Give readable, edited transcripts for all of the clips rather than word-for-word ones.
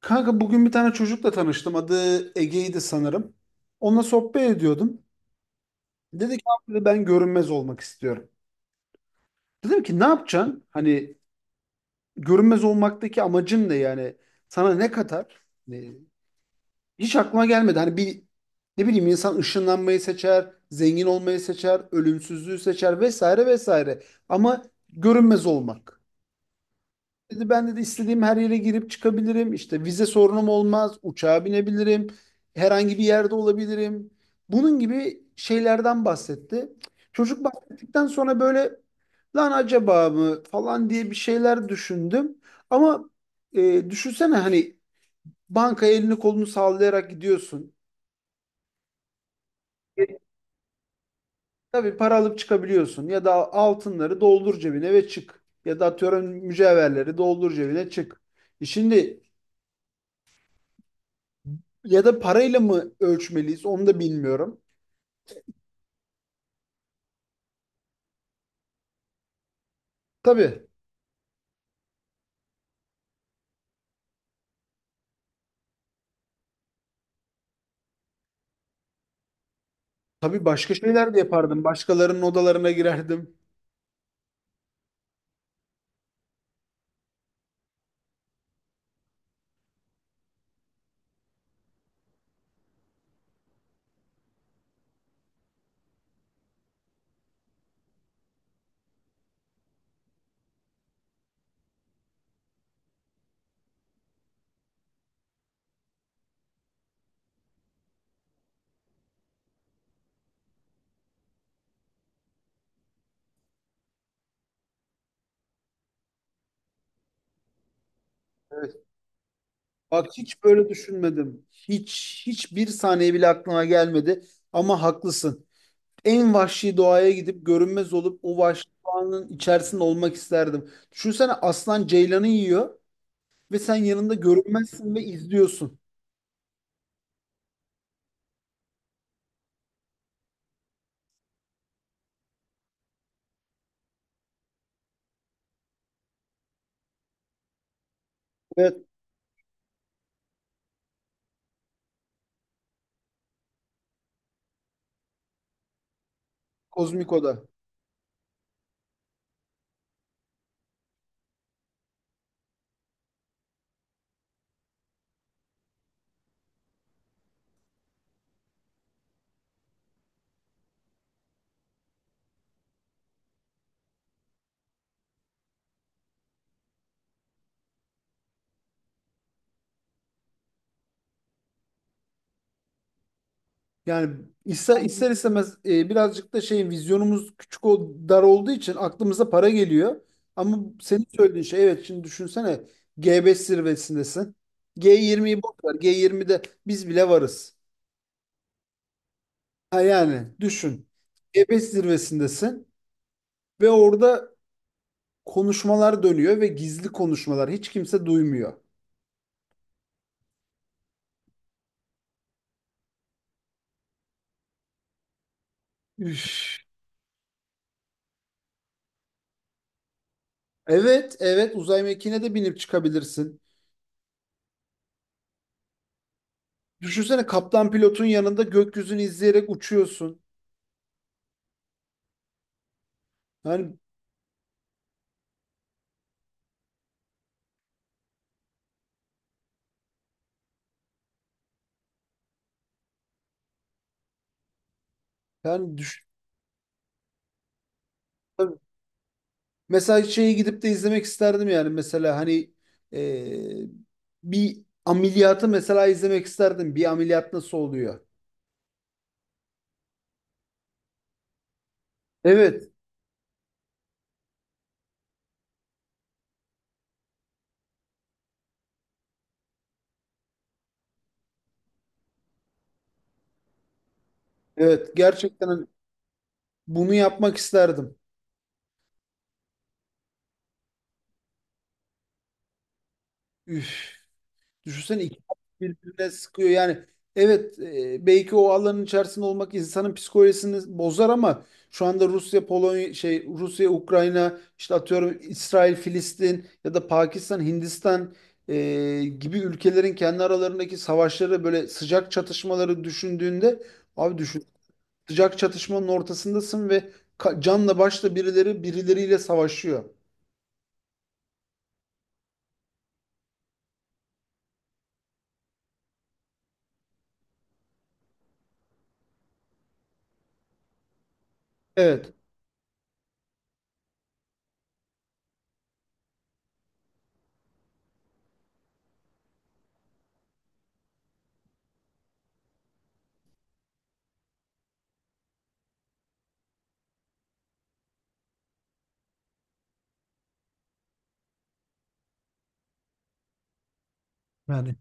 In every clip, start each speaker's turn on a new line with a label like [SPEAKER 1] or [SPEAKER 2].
[SPEAKER 1] Kanka bugün bir tane çocukla tanıştım. Adı Ege'ydi sanırım. Onunla sohbet ediyordum. Dedi ki, "Abi," dedi, "ben görünmez olmak istiyorum." Dedim ki ne yapacaksın? Hani görünmez olmaktaki amacın ne yani? Sana ne katar? Ne- hiç aklıma gelmedi. Hani bir, ne bileyim, insan ışınlanmayı seçer, zengin olmayı seçer, ölümsüzlüğü seçer vesaire vesaire. Ama görünmez olmak. Dedi ben de istediğim her yere girip çıkabilirim. İşte vize sorunum olmaz. Uçağa binebilirim. Herhangi bir yerde olabilirim. Bunun gibi şeylerden bahsetti. Çocuk bahsettikten sonra böyle lan acaba mı falan diye bir şeyler düşündüm. Ama düşünsene hani bankaya elini kolunu sallayarak gidiyorsun. Tabii para alıp çıkabiliyorsun, ya da altınları doldur cebine ve çık. Ya da atıyorum mücevherleri doldur cebine çık. E şimdi, ya da parayla mı ölçmeliyiz onu da bilmiyorum. Tabii. Tabii başka şeyler de yapardım. Başkalarının odalarına girerdim. Evet. Bak hiç böyle düşünmedim. Hiçbir saniye bile aklıma gelmedi. Ama haklısın. En vahşi doğaya gidip görünmez olup o vahşi doğanın içerisinde olmak isterdim. Düşünsene aslan ceylanı yiyor ve sen yanında görünmezsin ve izliyorsun. Evet, kozmik oda. Yani ister, ister istemez birazcık da şey, vizyonumuz küçük, o dar olduğu için aklımıza para geliyor. Ama senin söylediğin şey, evet, şimdi düşünsene G5 zirvesindesin. G20'yi boş ver. G20'de biz bile varız. Ha yani düşün. G5 zirvesindesin ve orada konuşmalar dönüyor ve gizli konuşmalar, hiç kimse duymuyor. Üf. Evet, evet, uzay mekiğine de binip çıkabilirsin. Düşünsene kaptan pilotun yanında gökyüzünü izleyerek uçuyorsun. Yani, yani düş, mesela şeyi gidip de izlemek isterdim, yani mesela hani e, bir ameliyatı mesela izlemek isterdim. Bir ameliyat nasıl oluyor? Evet, evet, gerçekten hani bunu yapmak isterdim. Üf. Düşünsene iki birbirine sıkıyor. Yani evet, belki o alanın içerisinde olmak insanın psikolojisini bozar ama şu anda Rusya Polonya, şey, Rusya Ukrayna, işte atıyorum, İsrail Filistin ya da Pakistan Hindistan gibi ülkelerin kendi aralarındaki savaşları, böyle sıcak çatışmaları düşündüğünde, abi düşün, sıcak çatışmanın ortasındasın ve canla başla birileri birileriyle savaşıyor. Evet. Yani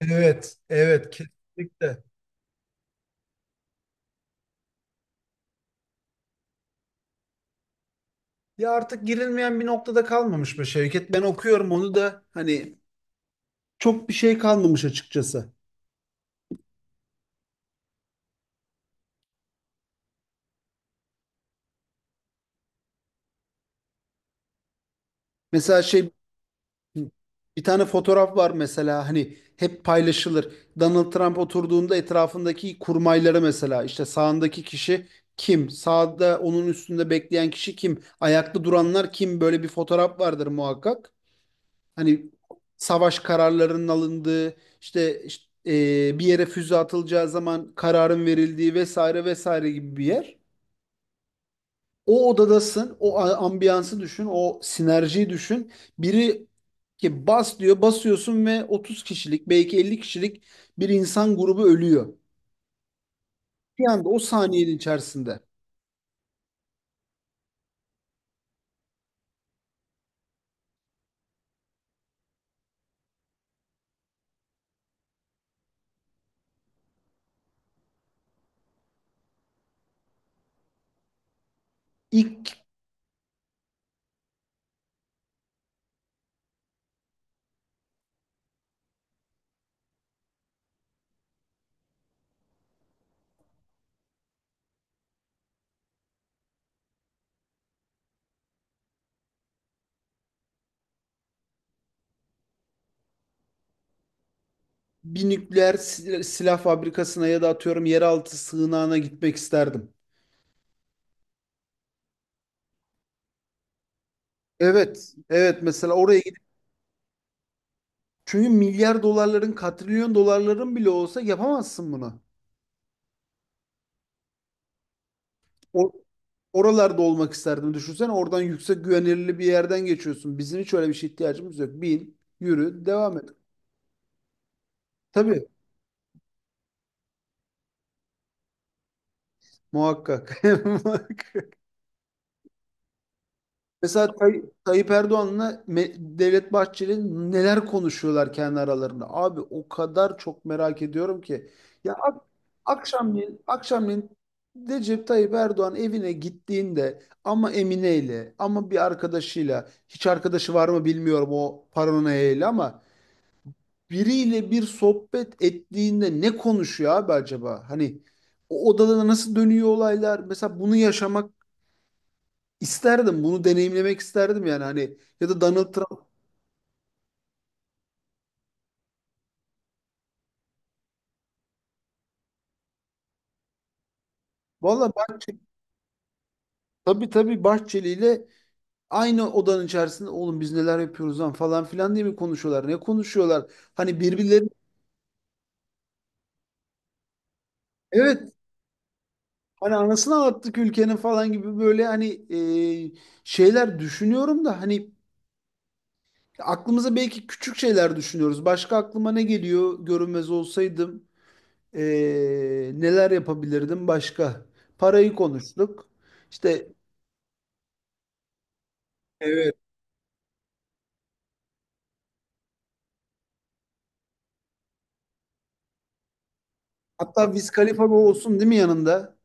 [SPEAKER 1] evet, evet kesinlikle. Ya artık girilmeyen bir noktada kalmamış mı Şevket? Ben okuyorum onu da, hani çok bir şey kalmamış açıkçası. Mesela şey, bir tane fotoğraf var mesela, hani hep paylaşılır. Donald Trump oturduğunda etrafındaki kurmayları, mesela işte sağındaki kişi kim? Sağda onun üstünde bekleyen kişi kim? Ayakta duranlar kim? Böyle bir fotoğraf vardır muhakkak. Hani savaş kararlarının alındığı, işte, işte, bir yere füze atılacağı zaman kararın verildiği vesaire vesaire gibi bir yer. O odadasın, ambiyansı düşün, o sinerjiyi düşün. Biri ki bas diyor, basıyorsun ve 30 kişilik, belki 50 kişilik bir insan grubu ölüyor. Bir anda, o saniyenin içerisinde. İlk bir nükleer silah fabrikasına ya da atıyorum yeraltı sığınağına gitmek isterdim. Evet, evet, mesela oraya. Çünkü milyar dolarların, katrilyon dolarların bile olsa yapamazsın bunu. O, oralarda olmak isterdim. Düşünsene oradan yüksek güvenilirli bir yerden geçiyorsun. Bizim hiç öyle bir şeye ihtiyacımız yok. Bin, yürü, devam et. Tabii, muhakkak. Mesela Tayyip Erdoğan'la Devlet Bahçeli neler konuşuyorlar kendi aralarında. Abi o kadar çok merak ediyorum ki. Ya ak Akşamleyin, akşamleyin Recep Tayyip Erdoğan evine gittiğinde, ama Emine'yle, ama bir arkadaşıyla, hiç arkadaşı var mı bilmiyorum o paranoyayla, ama biriyle bir sohbet ettiğinde ne konuşuyor abi acaba? Hani o odada nasıl dönüyor olaylar? Mesela bunu yaşamak İsterdim bunu deneyimlemek isterdim yani, hani ya da Donald Trump. Valla Bahçeli, tabii Bahçeli ile aynı odanın içerisinde oğlum biz neler yapıyoruz lan falan filan diye mi konuşuyorlar? Ne konuşuyorlar? Hani birbirleri, evet hani anasını anlattık ülkenin falan gibi böyle, hani e, şeyler düşünüyorum da, hani aklımıza belki küçük şeyler düşünüyoruz. Başka aklıma ne geliyor? Görünmez olsaydım e, neler yapabilirdim başka? Parayı konuştuk. İşte, hatta Wiz Khalifa bu olsun değil mi yanında?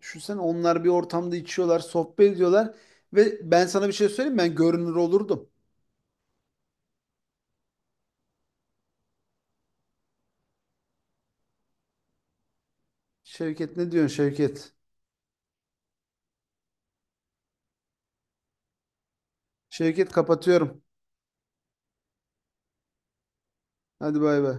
[SPEAKER 1] Düşünsene onlar bir ortamda içiyorlar, sohbet ediyorlar. Ve ben sana bir şey söyleyeyim mi? Ben görünür olurdum. Şevket, ne diyorsun Şevket? Şevket, kapatıyorum. Hadi bay bay.